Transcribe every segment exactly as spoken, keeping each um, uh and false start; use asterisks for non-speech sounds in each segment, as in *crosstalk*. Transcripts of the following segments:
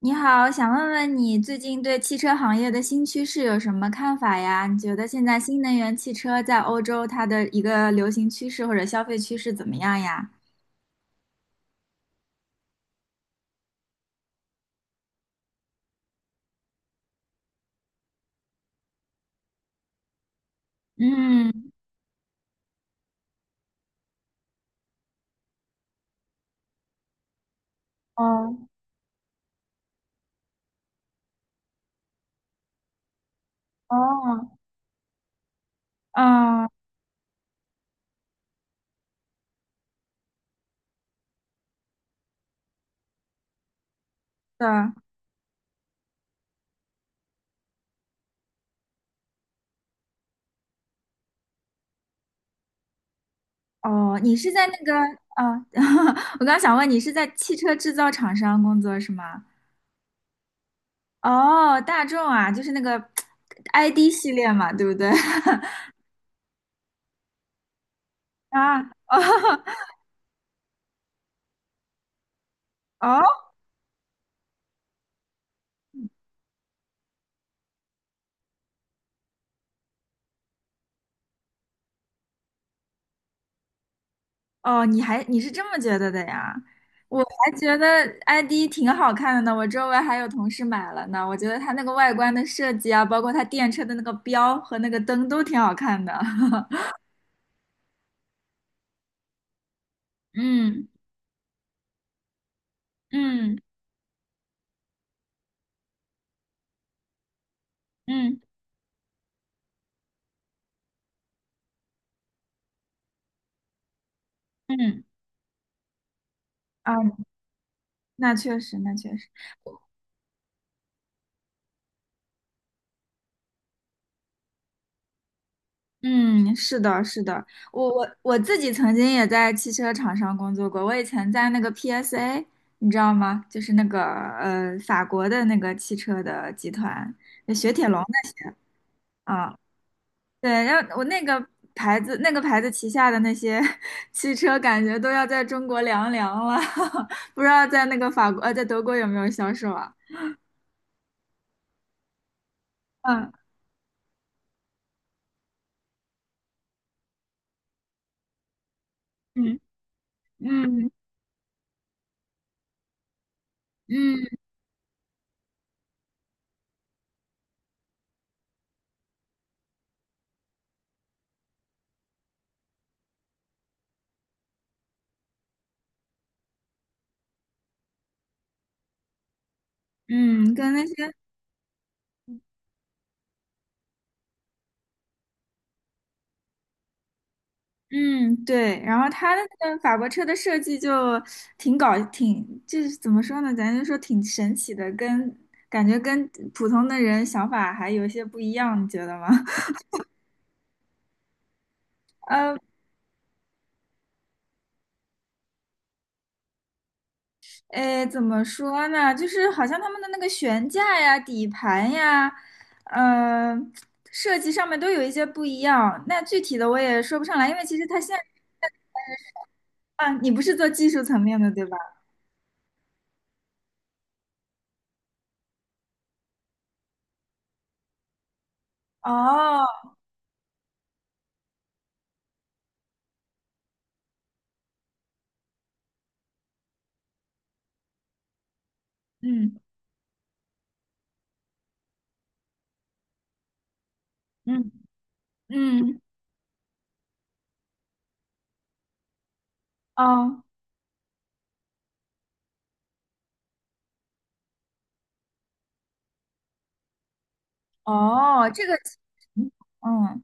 你好，想问问你最近对汽车行业的新趋势有什么看法呀？你觉得现在新能源汽车在欧洲它的一个流行趋势或者消费趋势怎么样呀？嗯。哦。哦。嗯。对。哦，你是在那个，啊？*laughs* 我刚想问你是在汽车制造厂商工作是吗？哦，大众啊，就是那个 I D 系列嘛，对不对？*laughs* 啊。哦。哦。哦，你还你是这么觉得的呀？我还觉得 I D 挺好看的呢，我周围还有同事买了呢。我觉得它那个外观的设计啊，包括它电车的那个标和那个灯都挺好看的。*laughs* 嗯嗯嗯嗯，啊，那确实，那确实。嗯，是的，是的，我我我自己曾经也在汽车厂商工作过，我以前在那个 P S A，你知道吗？就是那个呃法国的那个汽车的集团，就雪铁龙的。啊对，然后我那个牌子，那个牌子旗下的那些 *laughs* 汽车，感觉都要在中国凉凉了，*laughs* 不知道在那个法国，呃，在德国有没有销售啊？嗯嗯嗯嗯嗯，跟那些嗯对，然后他的那个法国车的设计就挺搞，挺就是怎么说呢，咱就说挺神奇的，跟感觉跟普通的人想法还有些不一样，你觉得吗？哎，怎么说呢？就是好像他们的那个悬架呀、底盘呀，嗯，设计上面都有一些不一样。那具体的我也说不上来，因为其实它现在啊，你不是做技术层面的，对吧？哦。嗯嗯嗯。哦哦，这个，嗯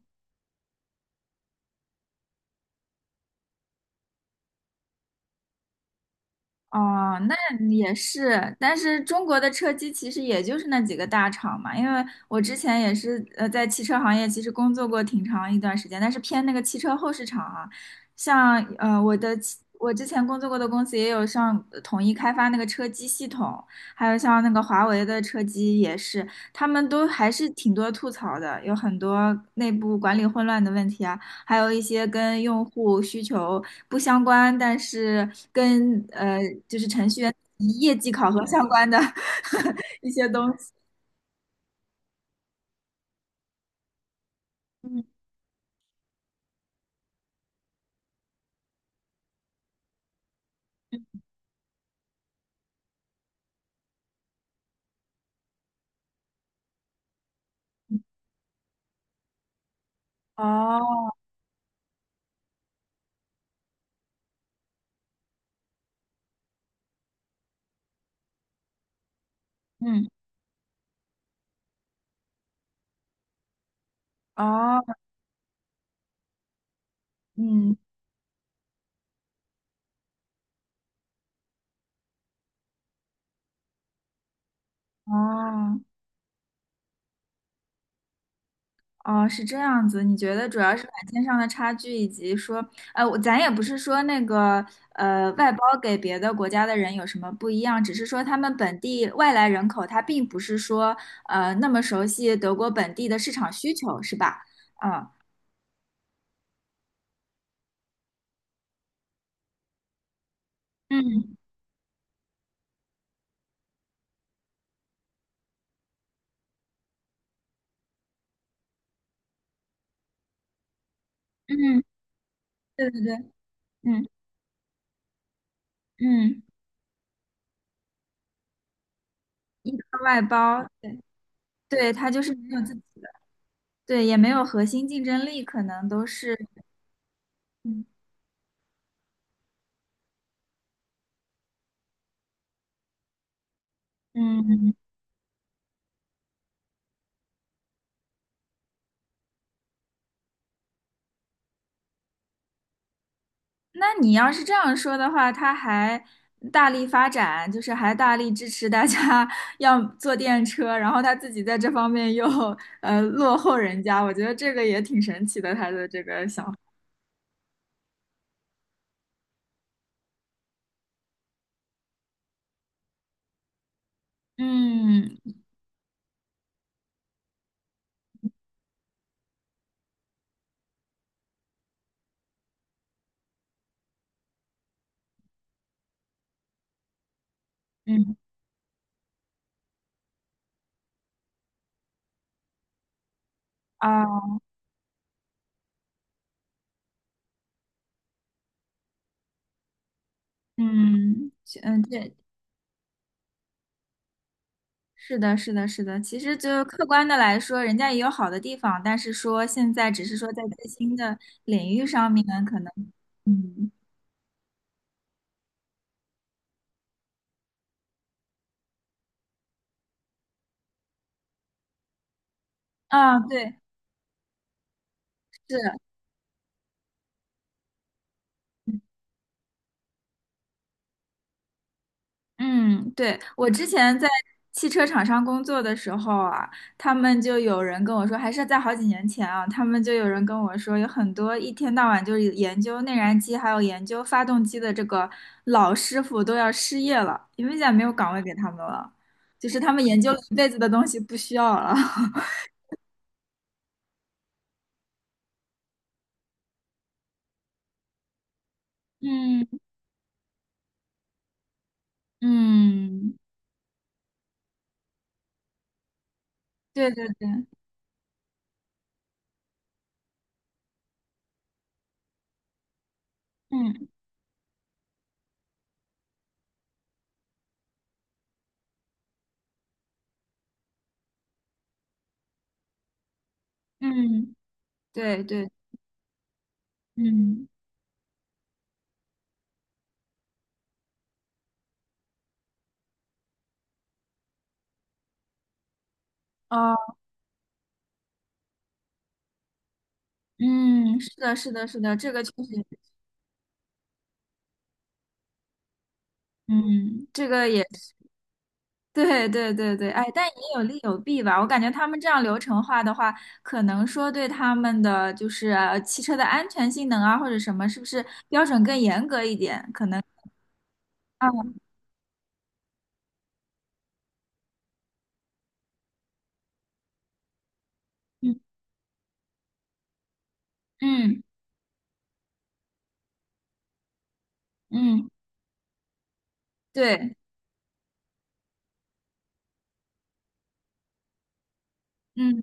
哦，那也是，但是中国的车机其实也就是那几个大厂嘛，因为我之前也是呃在汽车行业其实工作过挺长一段时间，但是偏那个汽车后市场啊，像呃我的汽我之前工作过的公司也有像呃统一开发那个车机系统，还有像那个华为的车机也是，他们都还是挺多吐槽的，有很多内部管理混乱的问题啊。还有一些跟用户需求不相关，但是跟呃就是程序员业绩考核相关的 *laughs* 一些东西。嗯哦。嗯。哦。嗯。哦。哦，是这样子。你觉得主要是软件上的差距，以及说，呃，我咱也不是说那个呃外包给别的国家的人有什么不一样，只是说他们本地外来人口，他并不是说呃那么熟悉德国本地的市场需求，是吧？啊。嗯嗯，对对对。嗯嗯，依靠外包。对对，他就是没有自己的。对，也没有核心竞争力，可能都是。嗯嗯。那你要是这样说的话，他还大力发展，就是还大力支持大家 *laughs* 要坐电车，然后他自己在这方面又呃落后人家，我觉得这个也挺神奇的，他的这个想法嗯嗯啊嗯嗯。对，是的，是的，是的。其实就客观的来说，人家也有好的地方，但是说现在只是说在最新的领域上面，可能嗯啊对。是。嗯，对，我之前在汽车厂商工作的时候啊，他们就有人跟我说，还是在好几年前啊，他们就有人跟我说，有很多一天到晚就是研究内燃机还有研究发动机的这个老师傅都要失业了，因为现在没有岗位给他们了，就是他们研究了一辈子的东西不需要了。*laughs* 嗯嗯，对对对。嗯嗯，对对。嗯哦，嗯，是的，是的，是的，这个确实。嗯，这个也对，对，对，对。哎，但也有利有弊吧。我感觉他们这样流程化的话，可能说对他们的就是呃汽车的安全性能啊，或者什么，是不是标准更严格一点？可能啊，嗯嗯嗯，对，嗯，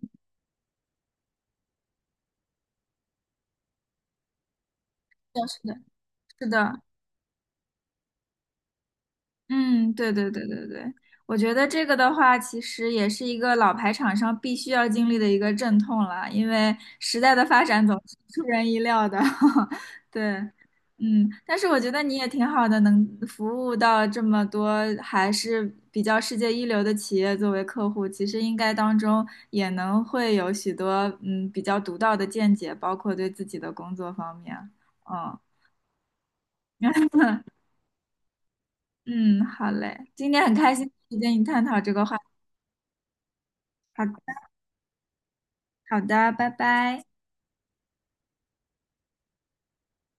是的，是的，是的。嗯，对对对对对，我觉得这个的话，其实也是一个老牌厂商必须要经历的一个阵痛了，因为时代的发展总是出人意料的。*laughs* 对。嗯，但是我觉得你也挺好的，能服务到这么多还是比较世界一流的企业作为客户，其实应该当中也能会有许多嗯比较独到的见解，包括对自己的工作方面。嗯。*laughs* 嗯，好嘞，今天很开心可以跟你探讨这个话题。好的。好的，拜拜。